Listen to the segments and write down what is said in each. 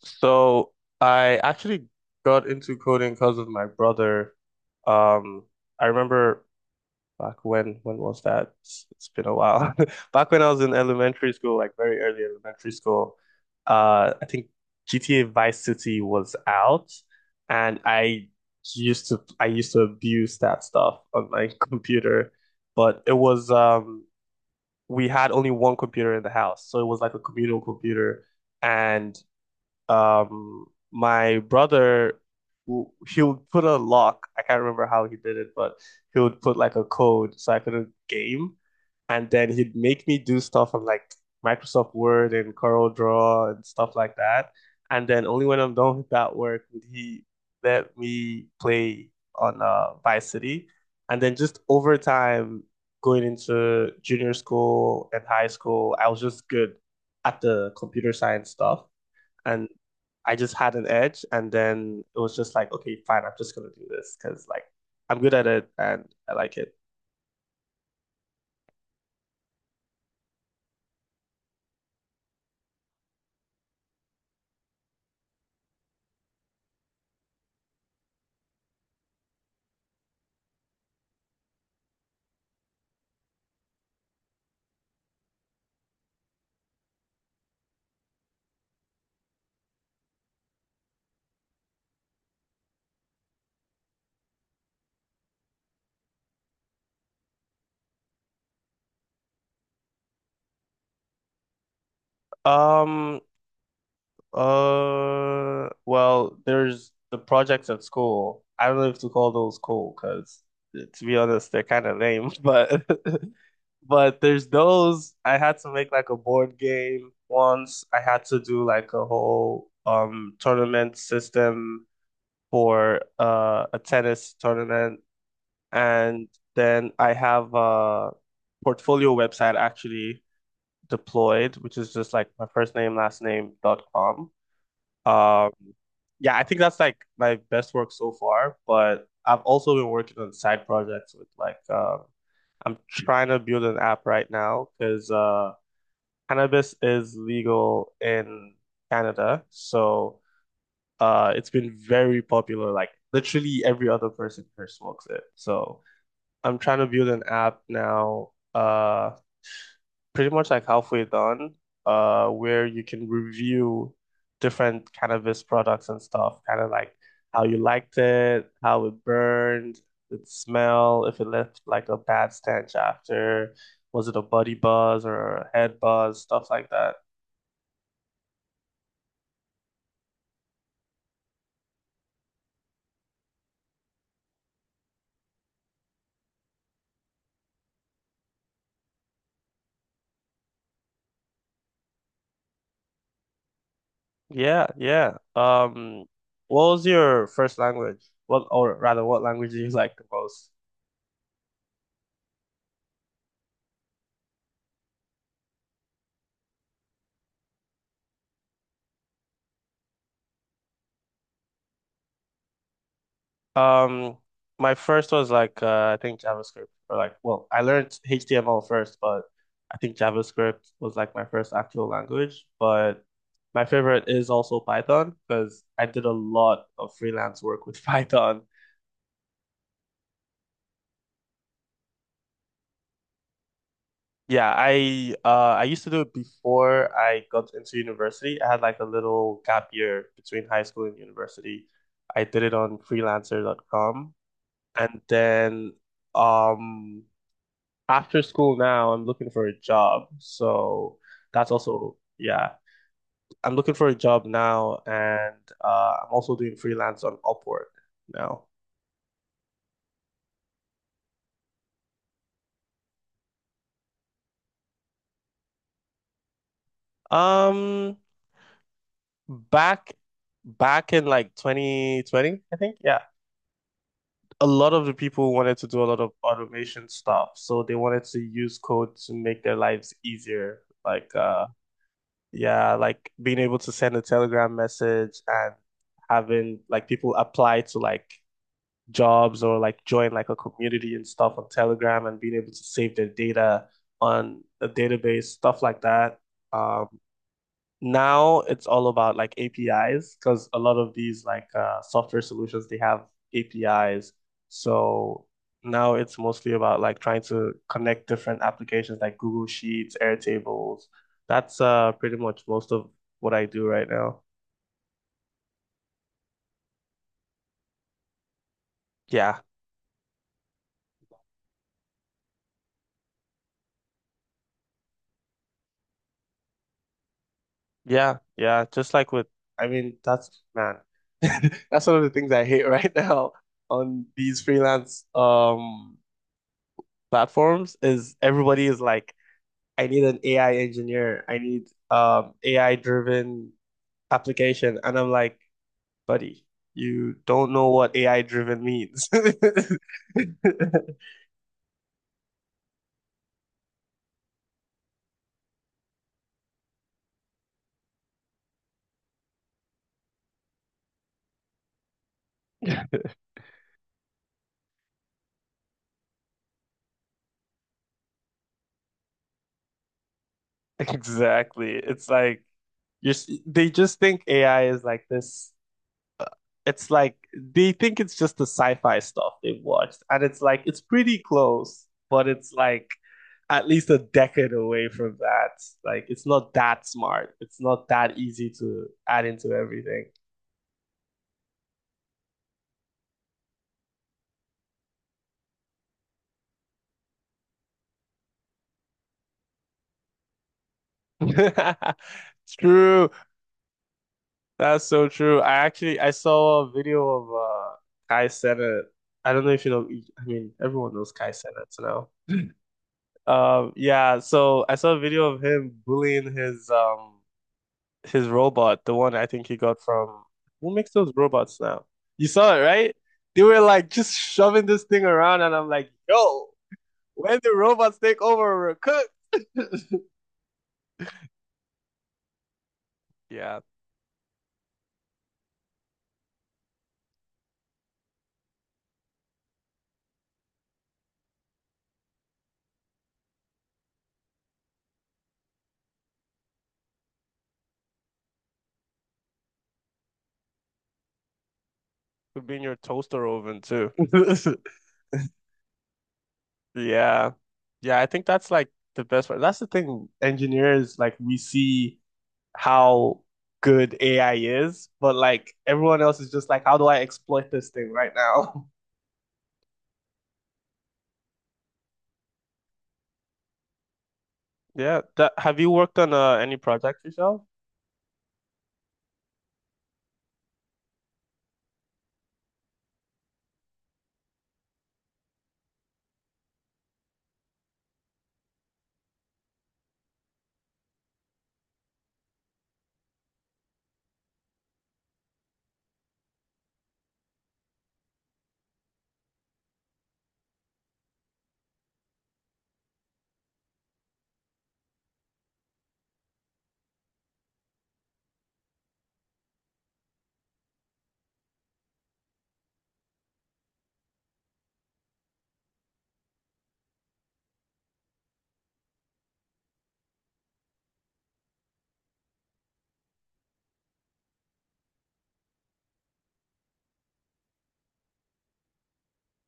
So I actually got into coding because of my brother. Um, I remember back when was that? It's been a while. Back when I was in elementary school, like very early elementary school, I think GTA Vice City was out, and I used to abuse that stuff on my computer, but it was we had only one computer in the house, so it was like a communal computer. And um my brother he would put a lock. I can't remember how he did it, but he would put like a code so I couldn't game. And then he'd make me do stuff on like Microsoft Word and Corel Draw and stuff like that. And then only when I'm done with that work would he let me play on Vice City. And then just over time, going into junior school and high school, I was just good at the computer science stuff, and I just had an edge, and then it was just like, okay, fine, I'm just gonna do this because like I'm good at it and I like it. Um, well, there's the projects at school. I don't know if to call those cool because to be honest, they're kind of lame, but but there's those. I had to make like a board game once. I had to do like a whole tournament system for a tennis tournament. And then I have a portfolio website actually deployed, which is just like my firstnamelastname.com. Um, yeah, I think that's like my best work so far, but I've also been working on side projects with like I'm trying to build an app right now because cannabis is legal in Canada. So it's been very popular. Like literally every other person here smokes it. So I'm trying to build an app now, pretty much like halfway done, where you can review different cannabis products and stuff, kind of like how you liked it, how it burned, its smell, if it left like a bad stench after, was it a body buzz or a head buzz, stuff like that. Yeah, yeah. What was your first language? What, or rather, what language do you like the most? Um, my first was like I think JavaScript or like, well, I learned HTML first, but I think JavaScript was like my first actual language. But my favorite is also Python because I did a lot of freelance work with Python. Yeah, I used to do it before I got into university. I had like a little gap year between high school and university. I did it on freelancer.com, and then um after school now, I'm looking for a job. So that's also, yeah, I'm looking for a job now, and I'm also doing freelance on Upwork now. Um, back back in like 2020, I think, yeah. A lot of the people wanted to do a lot of automation stuff, so they wanted to use code to make their lives easier. Like, yeah, like being able to send a Telegram message and having like people apply to like jobs or like join like a community and stuff on Telegram and being able to save their data on a database, stuff like that. Um, now it's all about like APIs because a lot of these like software solutions they have APIs. So now it's mostly about like trying to connect different applications like Google Sheets, Airtables. That's pretty much most of what I do right now. Yeah. Yeah, yeah, just like with, I mean, that's, man, that's one of the things I hate right now on these freelance platforms is everybody is like, I need an AI engineer, I need AI driven application, and I'm like, buddy, you don't know what AI driven means. Yeah. Exactly. It's like they just think AI is like this. It's like they think it's just the sci-fi stuff they've watched, and it's like it's pretty close, but it's like at least a decade away from that. Like it's not that smart. It's not that easy to add into everything. True. That's so true. I saw a video of Kai Cenat. I don't know if you know, I mean everyone knows Kai Cenat now. Yeah, so I saw a video of him bullying his robot, the one I think he got from who makes those robots now? You saw it, right? They were like just shoving this thing around, and I'm like, yo, when do robots take over, we're cooked. Yeah, could be in your toaster oven too. Yeah. Yeah, I think that's like the best part. That's the thing, engineers, like we see how good AI is, but like everyone else is just like, how do I exploit this thing right now? Yeah, that, have you worked on any projects yourself?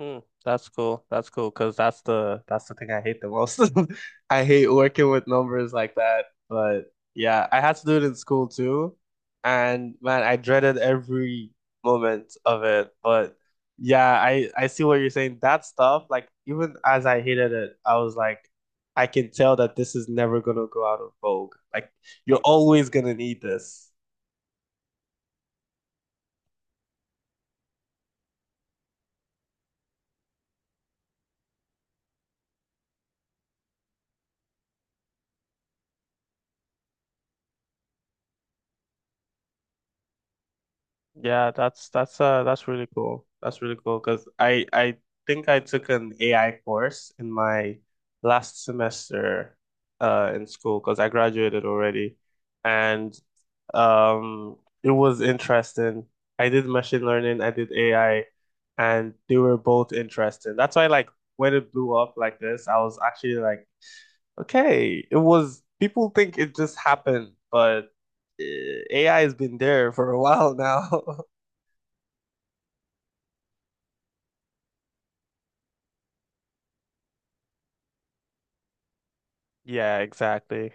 Hmm, that's cool. That's cool because that's the thing I hate the most. I hate working with numbers like that. But yeah, I had to do it in school too, and man, I dreaded every moment of it. But yeah, I see what you're saying. That stuff, like even as I hated it, I was like, I can tell that this is never gonna go out of vogue. Like you're always gonna need this. Yeah, that's really cool. That's really cool because I think I took an AI course in my last semester in school because I graduated already, and um it was interesting. I did machine learning, I did AI, and they were both interesting. That's why like when it blew up like this, I was actually like, okay, it was people think it just happened, but uh, AI has been there for a while now. Yeah, exactly.